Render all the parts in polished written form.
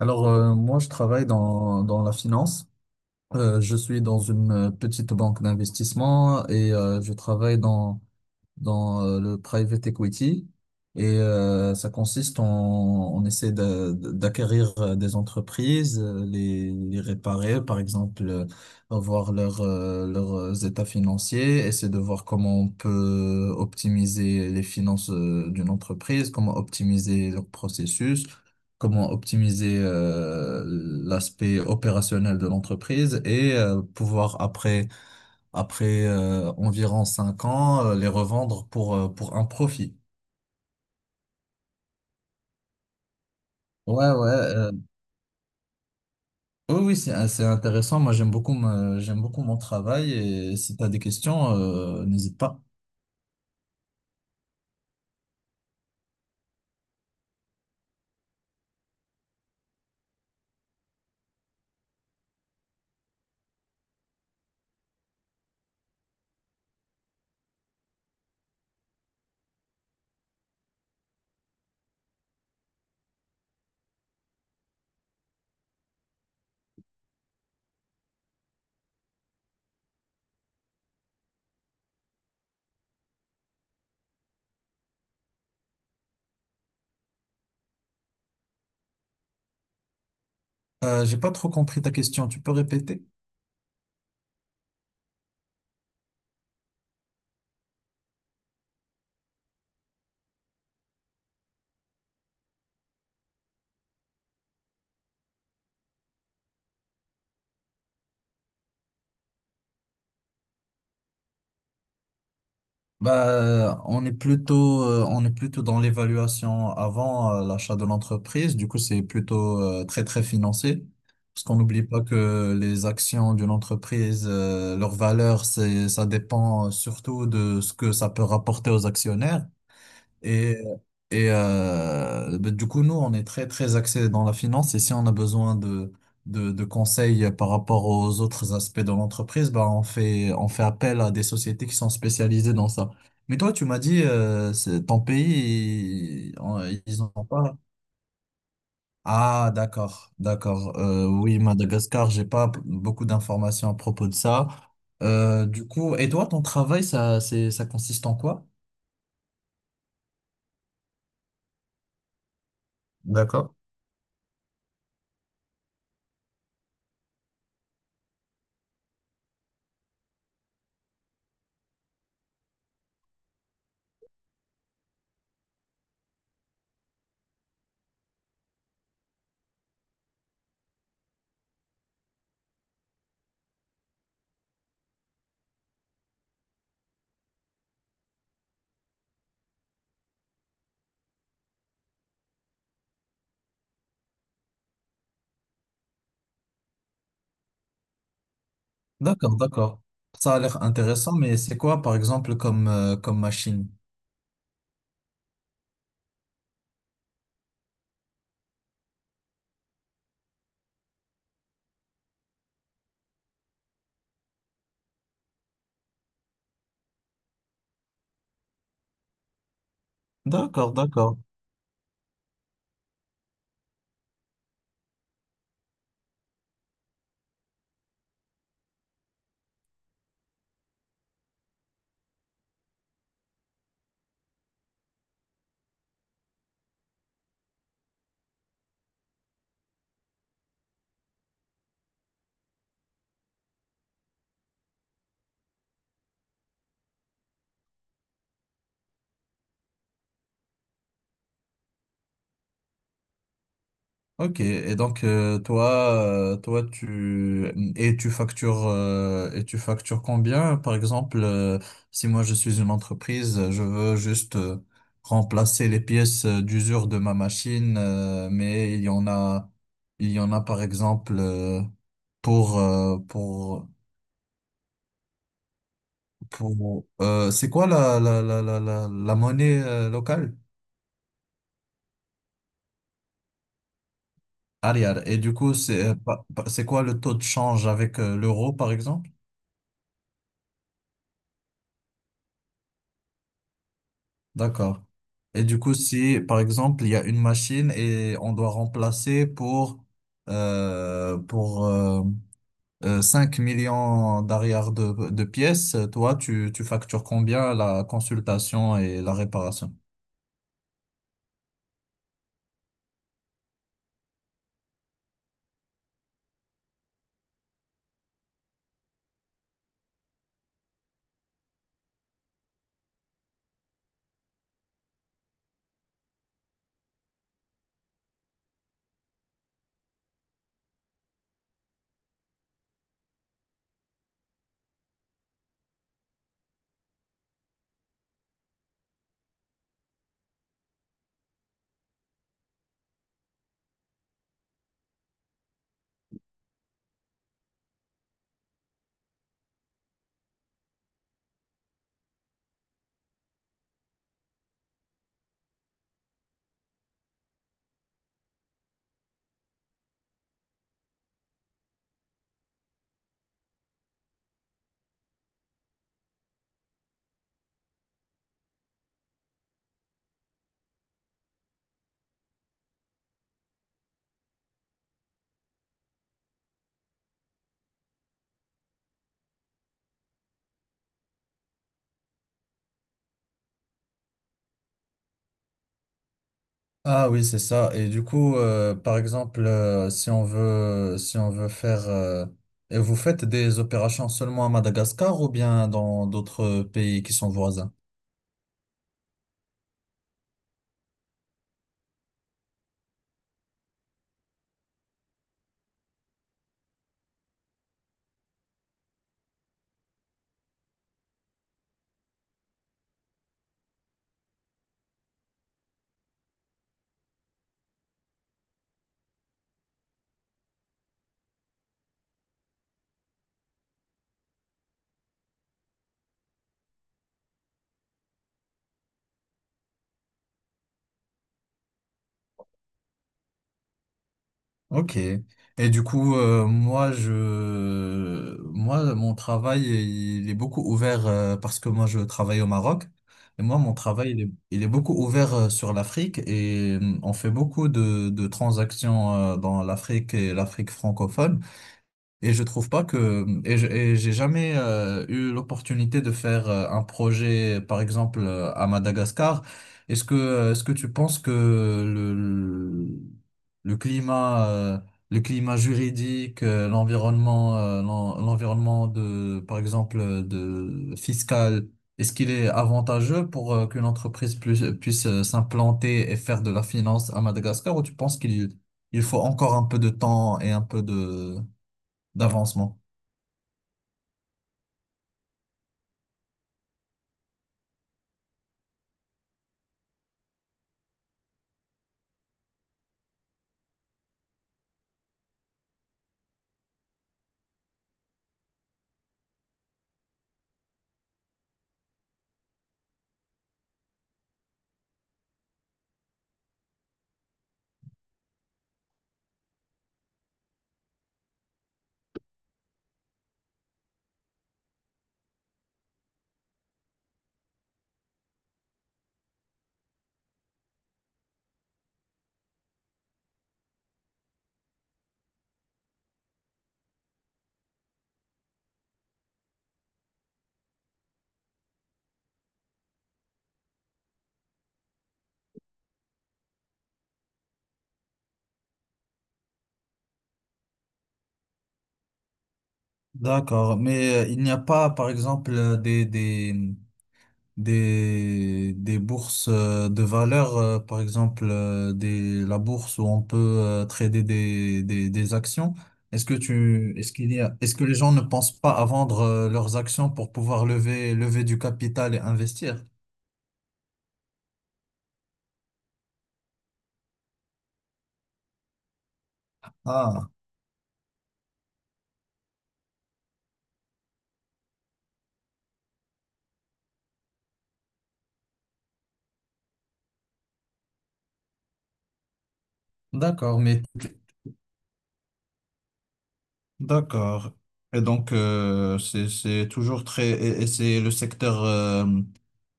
Alors, moi, je travaille dans la finance. Je suis dans une petite banque d'investissement et je travaille dans le private equity. Et ça consiste en, on essaie d'acquérir des entreprises, les réparer, par exemple, voir leurs états financiers, essayer de voir comment on peut optimiser les finances d'une entreprise, comment optimiser leur processus, comment optimiser l'aspect opérationnel de l'entreprise et pouvoir après environ 5 ans, les revendre pour un profit. Ouais, ouais, oui, oui, c'est intéressant. Moi, j'aime j'aime beaucoup mon travail et si tu as des questions, n'hésite pas. J'ai pas trop compris ta question. Tu peux répéter? Bah, on est on est plutôt dans l'évaluation avant l'achat de l'entreprise. Du coup, c'est plutôt très, très financé. Parce qu'on n'oublie pas que les actions d'une entreprise, leur valeur, ça dépend surtout de ce que ça peut rapporter aux actionnaires. Et, ben, du coup, nous, on est très, très axé dans la finance. Et si on a besoin de conseils par rapport aux autres aspects de l'entreprise, ben, on fait appel à des sociétés qui sont spécialisées dans ça. Mais toi, tu m'as dit, c'est ton pays, ils en ont pas. Ah, d'accord, d'accord. Oui, Madagascar, j'ai pas p- beaucoup d'informations à propos de ça. Du coup, et toi, ton travail, ça consiste en quoi? D'accord. D'accord, d'accord. Ça a l'air intéressant, mais c'est quoi, par exemple, comme machine? D'accord, d'accord. Ok, et donc toi, tu factures tu factures combien? Par exemple, si moi je suis une entreprise, je veux juste remplacer les pièces d'usure de ma machine, il y en a par exemple pour pour c'est quoi la monnaie locale? Arrière. Et du coup, c'est c'est quoi le taux de change avec l'euro, par exemple? D'accord. Et du coup, si, par exemple, il y a une machine et on doit remplacer pour 5 millions d'arrière de pièces, tu factures combien la consultation et la réparation? Ah oui, c'est ça. Et du coup, par exemple, si on veut faire, et vous faites des opérations seulement à Madagascar ou bien dans d'autres pays qui sont voisins? Ok. Et du coup, moi, mon travail, il est beaucoup ouvert parce que moi, je travaille au Maroc. Et moi, mon travail, il est beaucoup ouvert sur l'Afrique et on fait beaucoup de transactions dans l'Afrique et l'Afrique francophone. Et je trouve pas que j'ai jamais eu l'opportunité de faire un projet, par exemple à Madagascar. Est-ce que tu penses que le climat euh, le climat juridique, l'environnement de par exemple de fiscal, est-ce qu'il est avantageux pour qu'une entreprise puisse s'implanter et faire de la finance à Madagascar ou tu penses qu'il il faut encore un peu de temps et un peu de d'avancement. D'accord, mais il n'y a pas, par exemple, des bourses de valeur, la bourse où on peut trader des actions. Est-ce qu'il y a, est-ce que les gens ne pensent pas à vendre leurs actions pour pouvoir lever du capital et investir? Ah, d'accord, mais d'accord. Et donc, c'est toujours très, et c'est le secteur euh,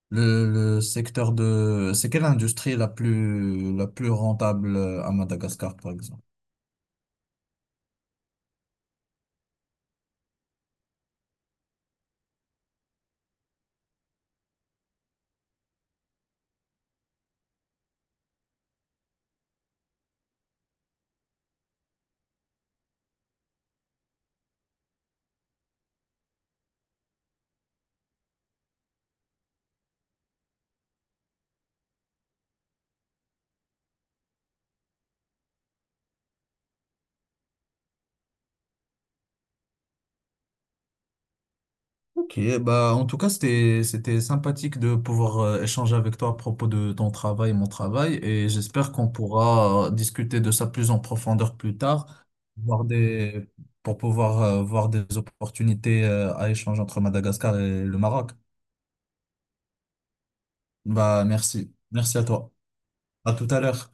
Le, le secteur de... C'est quelle industrie la plus rentable à Madagascar, par exemple? Ok, bah en tout cas, c'était sympathique de pouvoir échanger avec toi à propos de ton travail et mon travail, et j'espère qu'on pourra discuter de ça plus en profondeur plus tard, voir des, pour pouvoir voir des opportunités à échanger entre Madagascar et le Maroc. Bah merci, merci à toi. À tout à l'heure.